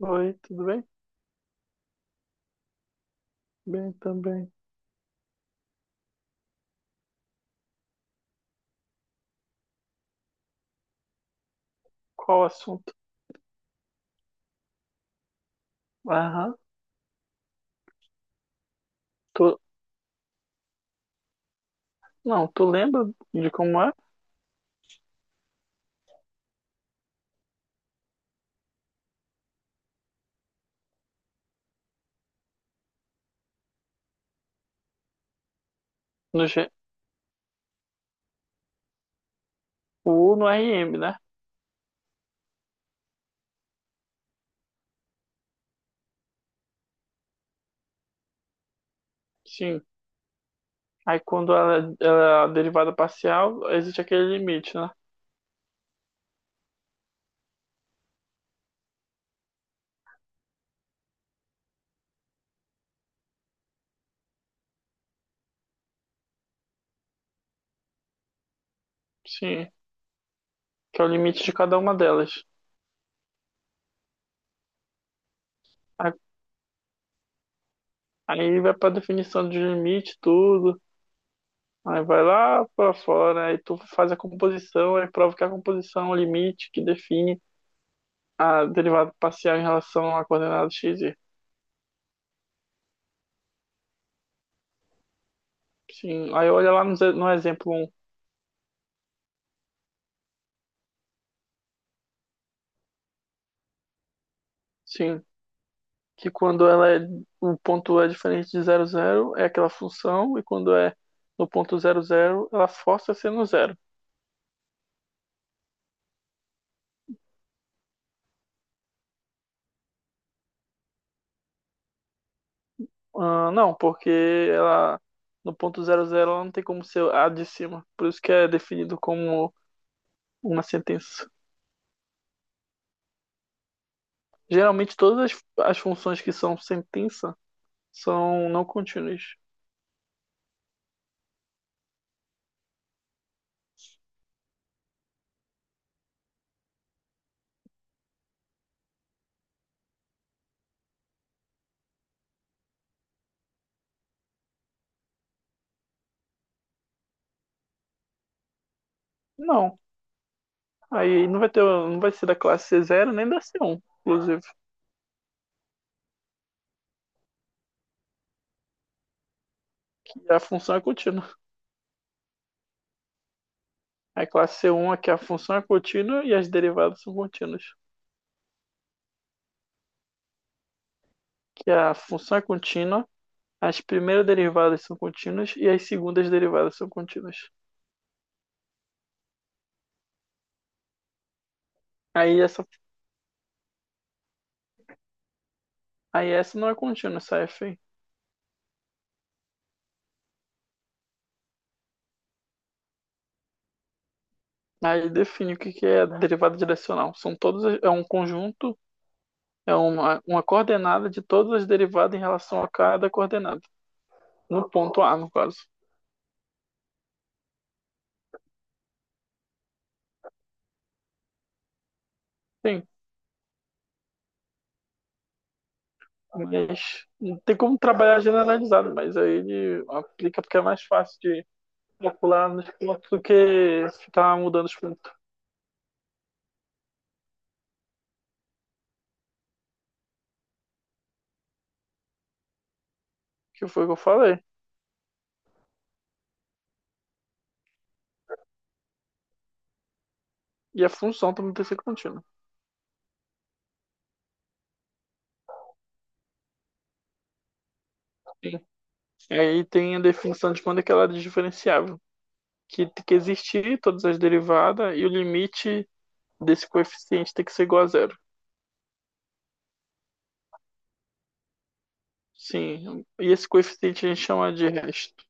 Oi, tudo bem? Bem também. Qual o assunto? Aham. Tu... Não, tu lembra de como é? No G... O U no R M, né? Sim. Aí quando ela é derivada parcial, existe aquele limite, né? Sim. Que é o limite de cada uma delas. Aí aí vai pra definição de limite, tudo. Aí vai lá pra fora, aí tu faz a composição, aí prova que a composição é o limite que define a derivada parcial em relação à coordenada x, y. Sim, aí olha lá no, no exemplo um. Sim, que quando ela é, o ponto é diferente de zero zero é aquela função, e quando é no ponto zero zero ela força a ser no zero. Ah, não, porque ela no ponto zero zero ela não tem como ser a de cima, por isso que é definido como uma sentença. Geralmente as funções que são sentença são não contínuas. Não, aí não vai ter, não vai ser da classe c zero nem da c um inclusive, que a função é contínua. É. A classe C1 é que a função é contínua e as derivadas são contínuas. Que a função é contínua, as primeiras derivadas são contínuas e as segundas derivadas são contínuas. Aí essa, aí essa não é contínua, essa f aí. Aí define o que que é a derivada direcional. São todos, é um conjunto, é uma coordenada de todas as derivadas em relação a cada coordenada. No ponto A, no caso. Sim, mas não tem como trabalhar generalizado, mas aí ele aplica porque é mais fácil de calcular nos pontos do que ficar mudando os pontos, que foi o que eu falei. E a função também tem que ser contínua. E aí tem a definição de quando é que ela é diferenciável, que tem que existir todas as derivadas e o limite desse coeficiente tem que ser igual a zero. Sim, e esse coeficiente a gente chama de resto.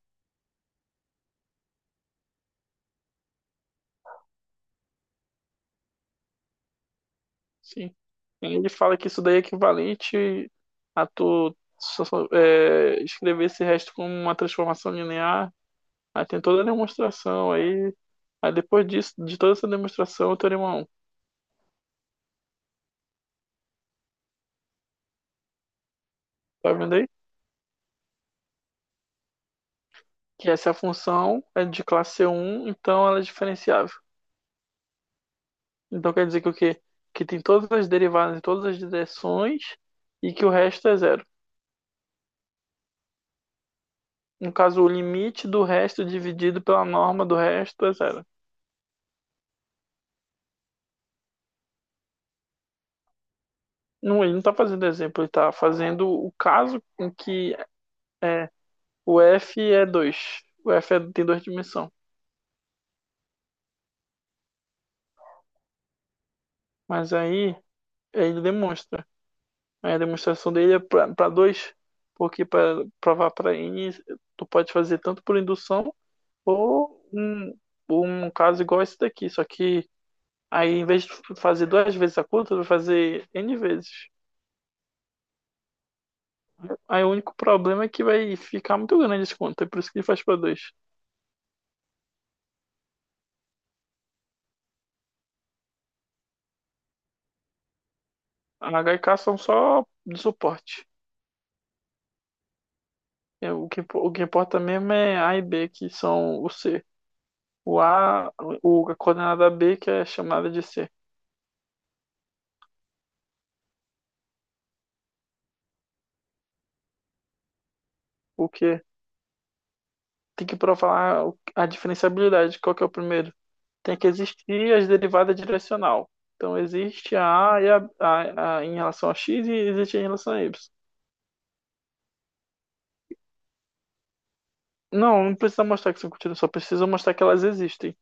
Sim. Ele fala que isso daí é equivalente a tu escrever esse resto como uma transformação linear. Aí tem toda a demonstração, aí, aí depois disso, de toda essa demonstração, eu teria uma 1, tá vendo aí? Que essa função é de classe um, então ela é diferenciável. Então quer dizer que o quê? Que tem todas as derivadas em todas as direções e que o resto é zero. No caso, o limite do resto dividido pela norma do resto é zero. Não, ele não está fazendo exemplo, ele está fazendo o caso em que é, o f é dois. O tem duas dimensões. Mas aí ele demonstra. Aí a demonstração dele é para dois, porque para provar para N, tu pode fazer tanto por indução ou um caso igual esse daqui, só que aí em vez de fazer duas vezes a conta, tu vai fazer N vezes. Aí o único problema é que vai ficar muito grande esse conta, é por isso que ele faz para dois. A H e K são só de suporte. É. O o que importa mesmo é A e B, que são o C. O A, a coordenada B, que é chamada de C. O que tem que provar a diferenciabilidade. Qual que é o primeiro? Tem que existir as derivadas direcional. Então, existe a A, e a em relação a X e existe em relação a Y. Não, não precisa mostrar que são contínuas, só precisa mostrar que elas existem.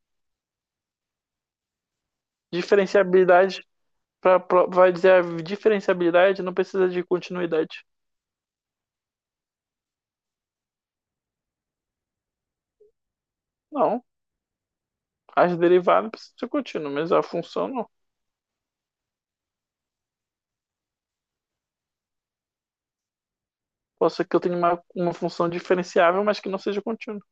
Diferenciabilidade, vai dizer a diferenciabilidade não precisa de continuidade. Não, as derivadas precisam ser contínuas, mas a função não. Posso ser que eu tenha uma função diferenciável, mas que não seja contínua.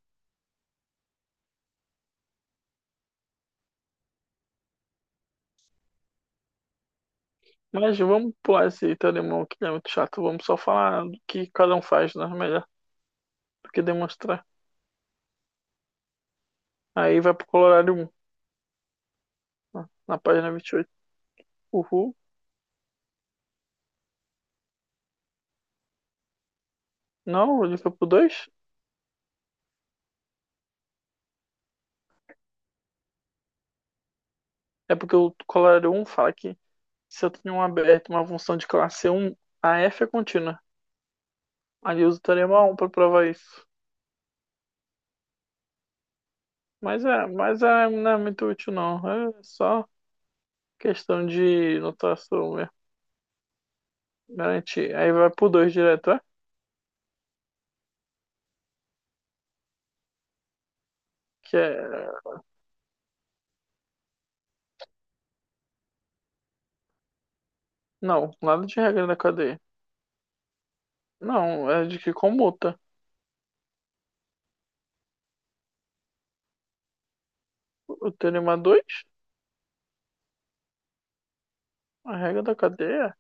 Mas vamos pular esse telemão que é muito chato. Vamos só falar do que cada um faz, né? Melhor do que demonstrar. Aí vai pro Colorado um, né? Na página 28. Uhul. Não, ele foi pro dois. É porque o Colorado um fala que se eu tenho um aberto, uma função de classe um, a f é contínua. Ali eu uso o teorema 1 para provar isso. Não é muito útil, não. É só questão de notação mesmo. Garantir. Aí vai pro 2 direto, é? Que é. Não, nada de regra da cadeia. Não, é de que comuta. O teorema dois. A regra da cadeia?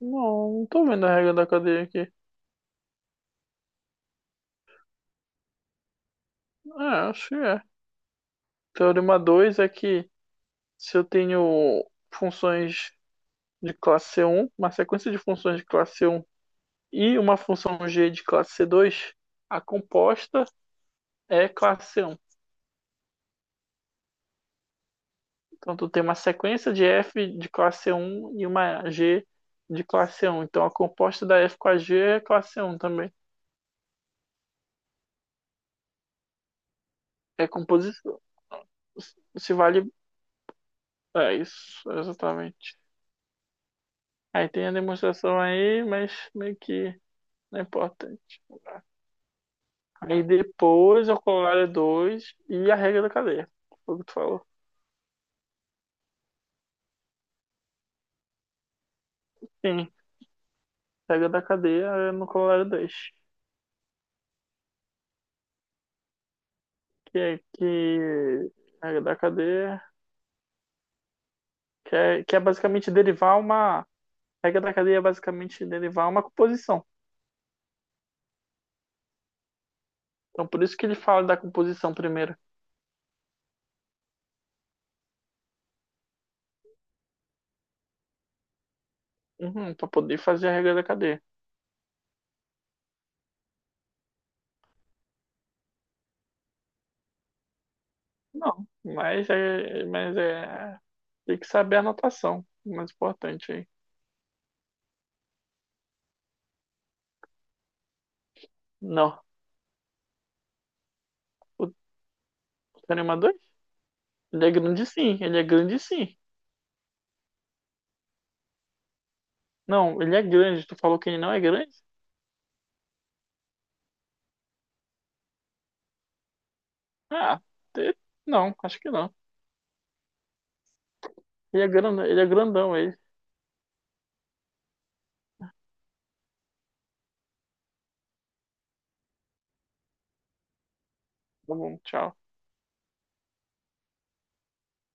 Não, não tô vendo a regra da cadeia aqui. É, acho que é. Teorema 2 é que se eu tenho funções de classe C1, uma sequência de funções de classe C1 e uma função G de classe C2, a composta é classe C1. Então, tu tem uma sequência de F de classe C1 e uma G de classe C1. Então, a composta da F com a G é classe C1 também. É composição. Se vale, é isso, exatamente. Aí tem a demonstração aí, mas meio que não é importante. Aí depois o corolário 2 e a regra da cadeia. Foi o que tu falou. Sim, a regra da cadeia é no corolário dois. Que é que. A regra da cadeia. Que é basicamente derivar uma. A regra da cadeia é basicamente derivar uma composição. Então por isso que ele fala da composição primeiro. Uhum, para poder fazer a regra da cadeia. Não, mas é tem que saber a anotação, o mais importante aí. Não, o teorema 2 ele é grande sim, ele é grande sim. Não, ele é grande. Tu falou que ele não é grande? Ah, te- não, acho que não. Ele é grande, ele é grandão, ele. Tá bom, tchau.